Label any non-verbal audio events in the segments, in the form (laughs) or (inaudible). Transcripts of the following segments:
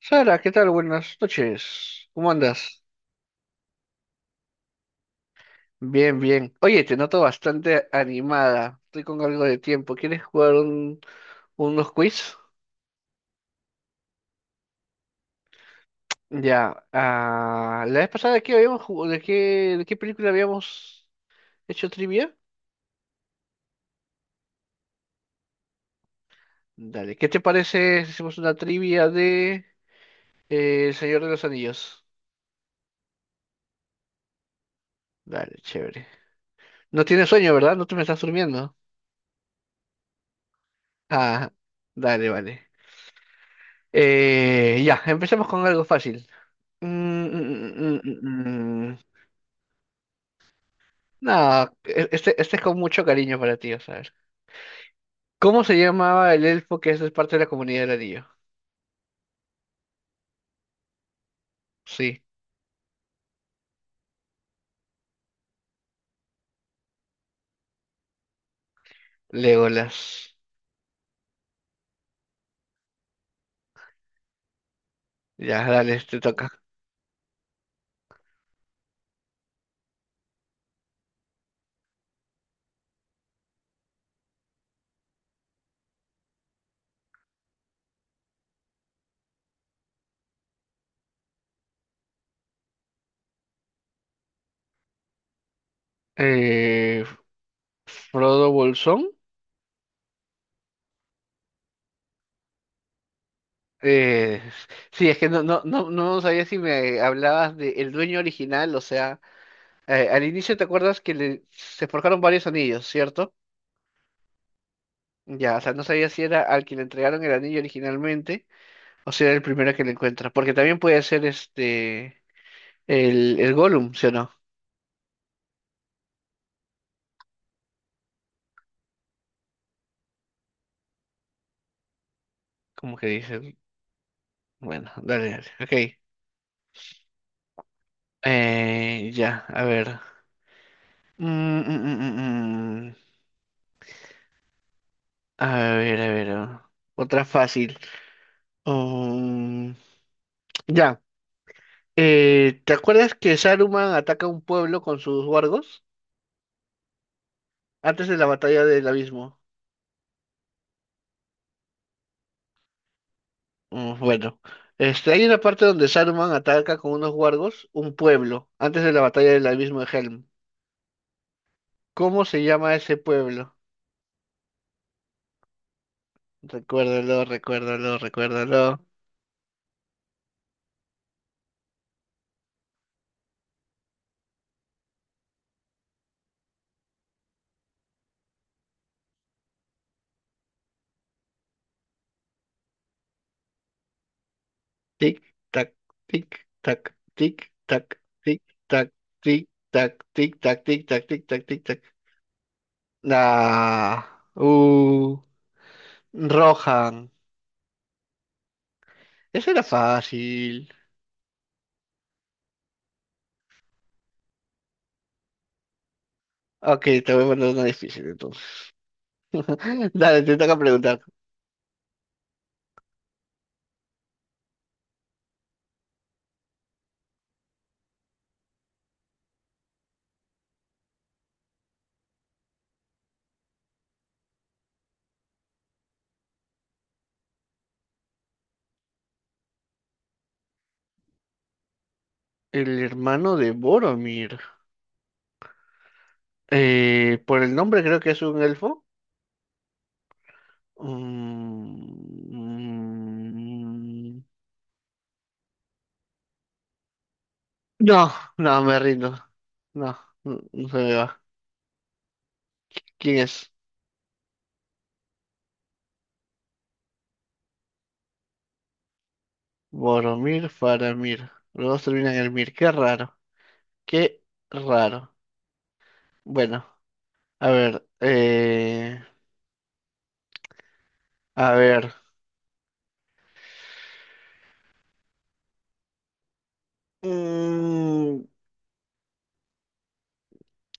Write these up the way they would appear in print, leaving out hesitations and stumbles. Sara, ¿qué tal? Buenas noches. ¿Cómo andas? Bien, bien. Oye, te noto bastante animada. Estoy con algo de tiempo. ¿Quieres jugar unos quiz? Ya. La vez pasada, ¿de qué habíamos jugado? De qué película habíamos hecho trivia? Dale, ¿qué te parece si hacemos una trivia de El Señor de los Anillos? Dale, chévere. No tienes sueño, ¿verdad? No te me estás durmiendo. Ah, Dale, vale. Ya, empecemos con algo fácil. Mm, mm, mm, mm, mm. mm, mm. No, este, este es con mucho cariño para ti, vas a ver. ¿Cómo se llamaba el elfo que es parte de la comunidad del anillo? Sí, Legolas. Ya, dale, te toca. Eh, Frodo Bolsón. Eh, sí, es que no sabía si me hablabas de el dueño original, o sea, al inicio te acuerdas que se forjaron varios anillos, ¿cierto? Ya, o sea, no sabía si era al que le entregaron el anillo originalmente. O será el primero que le encuentra. Porque también puede ser este el Gollum, ¿sí o no? Como que dice. Bueno, dale, dale. Ok. Ya, a ver. Mm, mm, mm, mm, mm. A ver, a ver. Ah. Otra fácil. Um, ya. ¿Te acuerdas que Saruman ataca un pueblo con sus wargos? Antes de la batalla del abismo. Bueno. Este, hay una parte donde Saruman ataca con unos wargos un pueblo antes de la batalla del abismo de Helm. ¿Cómo se llama ese pueblo? Recuérdalo, recuérdalo, recuérdalo. Tic, tac, tic, tac, tic, tac, tic, tac, tic, tac, tic, tac, tic, tac, tic, tac, tic, tac. Ah, uh, Rohan. Eso era fácil. Ok, te voy a mandar una difícil entonces. (laughs) Dale, te toca preguntar. El hermano de Boromir. Por el nombre creo que es un elfo. Mm, No, no, me rindo. No, no se me va. ¿Quién es? Boromir, Faramir. Los dos terminan en el Mir. Qué raro. Qué raro. Bueno, a ver. A ver. Mm,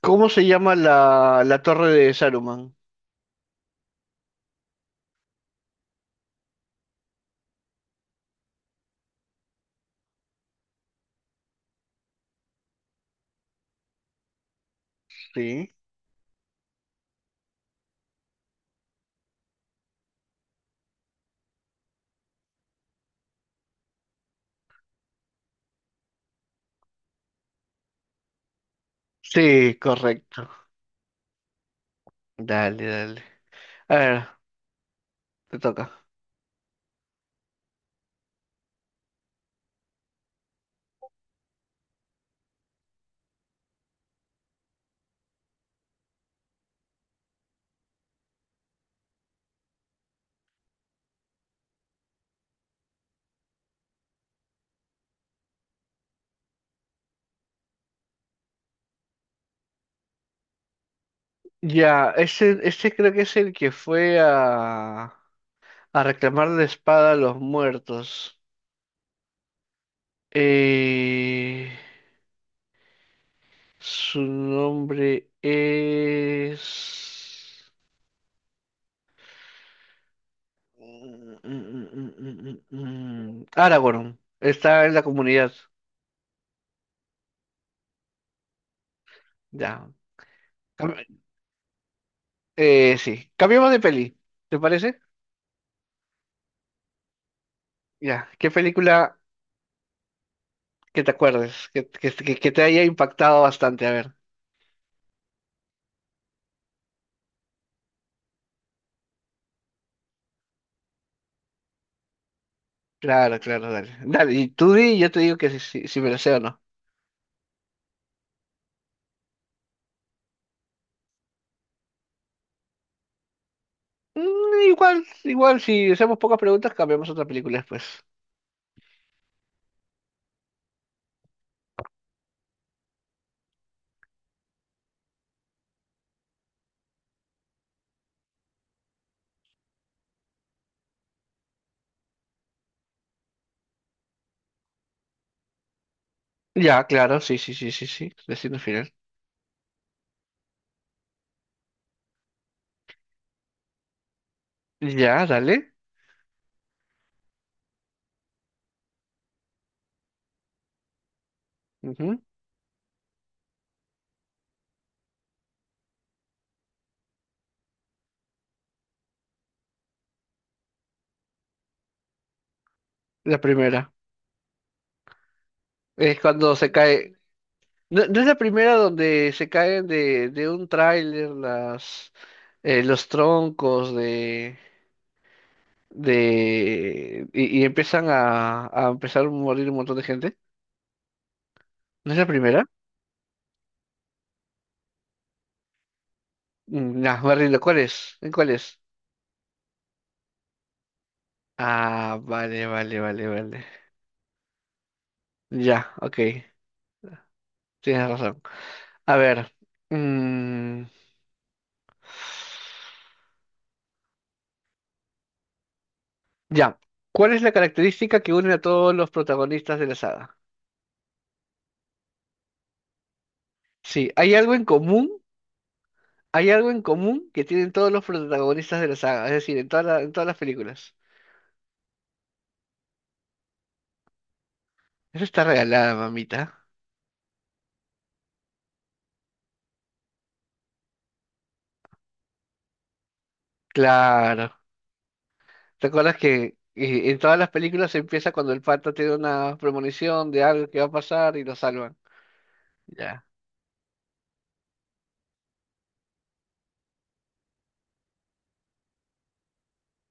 ¿Cómo se llama la torre de Saruman? Sí. Sí, correcto. Dale, dale. A ver, te toca. Ya, ese creo que es el que fue a reclamar la espada a los muertos. Eh, Su nombre es... Mm, mm, mm, Aragorn. Está en la comunidad. Ya. Cam- sí. Cambiamos de peli. ¿Te parece? Ya. ¿Qué película que te acuerdes? Que, que te haya impactado bastante. A ver. Claro, claro, dale. Dale. Y tú di y yo te digo que si, si me la sé o no. Igual, igual, si hacemos pocas preguntas, cambiamos otra película después. Ya, claro, sí, sí, sí, sí, sí. Destino final. Ya, dale. Ujú. La primera. Es cuando se cae. No, no es la primera donde se caen de un tráiler las los troncos de y empiezan a empezar a morir un montón de gente. ¿No es la primera? No, me rindo. ¿Cuál es? ¿En cuál es? Ah, vale, vale, vale, vale. Ya, ok. Tienes razón. A ver. mm, Ya. ¿Cuál es la característica que une a todos los protagonistas de la saga? Sí, hay algo en común, hay algo en común que tienen todos los protagonistas de la saga, es decir, en todas las películas. Eso está regalada, mamita. Claro. ¿Te acuerdas que en todas las películas empieza cuando el pata tiene una premonición de algo que va a pasar y lo salvan? Ya.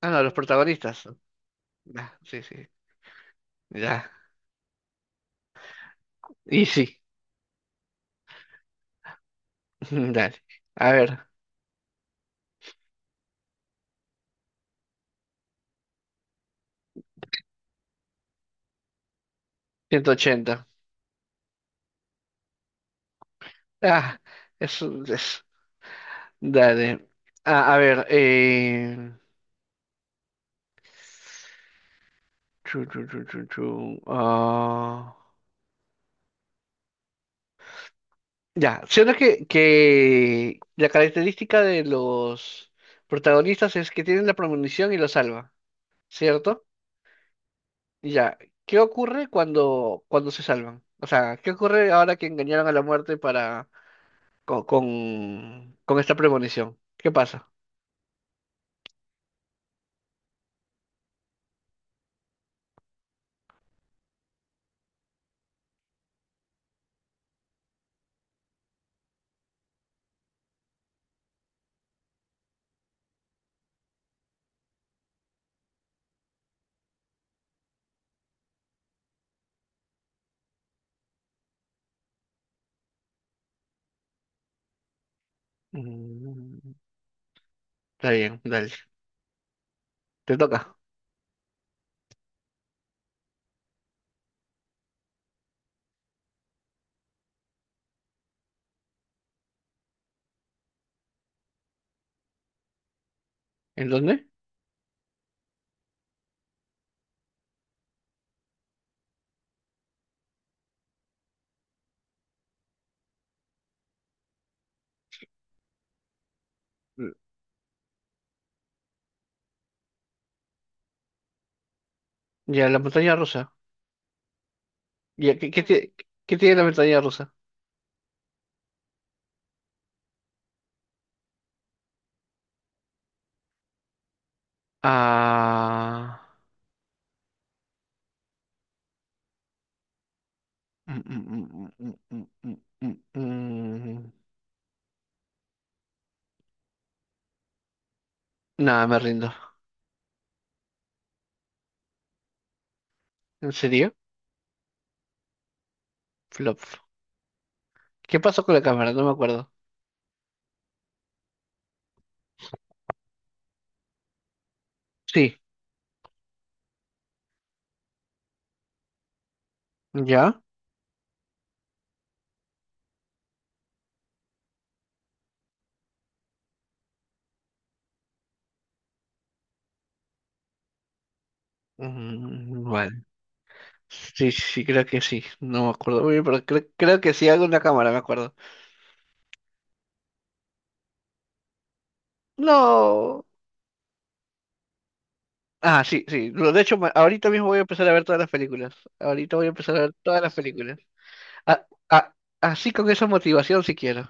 Ah, no, los protagonistas. Ah, sí, sí. Ya. Y sí. (laughs) Dale. A ver, 180. Ah, es, un- es- Dale. A ver, chu, chu, chu, chu, chu, ya, siendo que la característica de los protagonistas es que tienen la premonición y lo salva, ¿cierto? Ya, ¿qué ocurre cuando, cuando se salvan? O sea, ¿qué ocurre ahora que engañaron a la muerte para con, con esta premonición? ¿Qué pasa? Mm, Está bien, dale. Te toca. ¿En dónde? Mm, Ya, la montaña rusa. Ya, ¿qué tiene la montaña rusa? Ah. mm, mm, mm, mm, mm, mm, mm, mm. Nada, me rindo. ¿En serio? Flop. ¿Qué pasó con la cámara? No me acuerdo. Sí, ¿ya? Vale. Sí, sí, sí, creo que sí. No me acuerdo muy bien, pero creo que sí hago una cámara, me acuerdo. No. Ah, sí, sí. Lo, de hecho, ahorita mismo voy a empezar a ver todas las películas. Ahorita voy a empezar a ver todas las películas. Ah, ah, así con esa motivación, si quiero.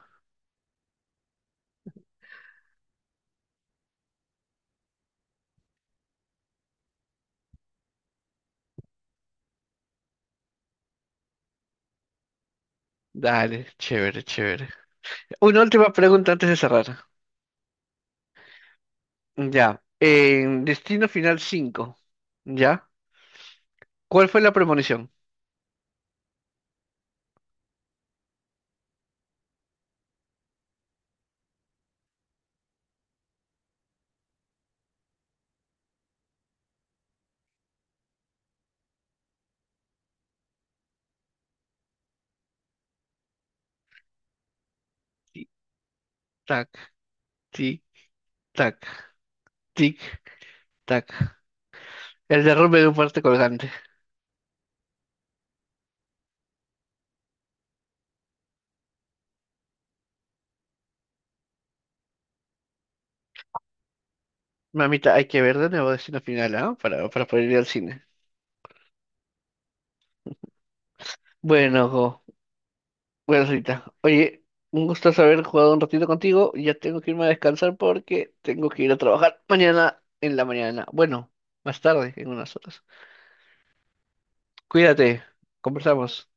Dale, chévere, chévere. Una última pregunta antes de cerrar. Ya. En Destino Final 5. ¿Ya? ¿Cuál fue la premonición? Tic, tac, tic, tac, tic, tac. El derrumbe de un fuerte colgante. Mamita, hay que ver de nuevo Destino Final, ¿ah? Para poder ir al cine. Bueno, Jo, bueno, Rita. Oye, un gusto haber jugado un ratito contigo. Ya tengo que irme a descansar porque tengo que ir a trabajar mañana en la mañana. Bueno, más tarde, en unas horas. Cuídate, conversamos.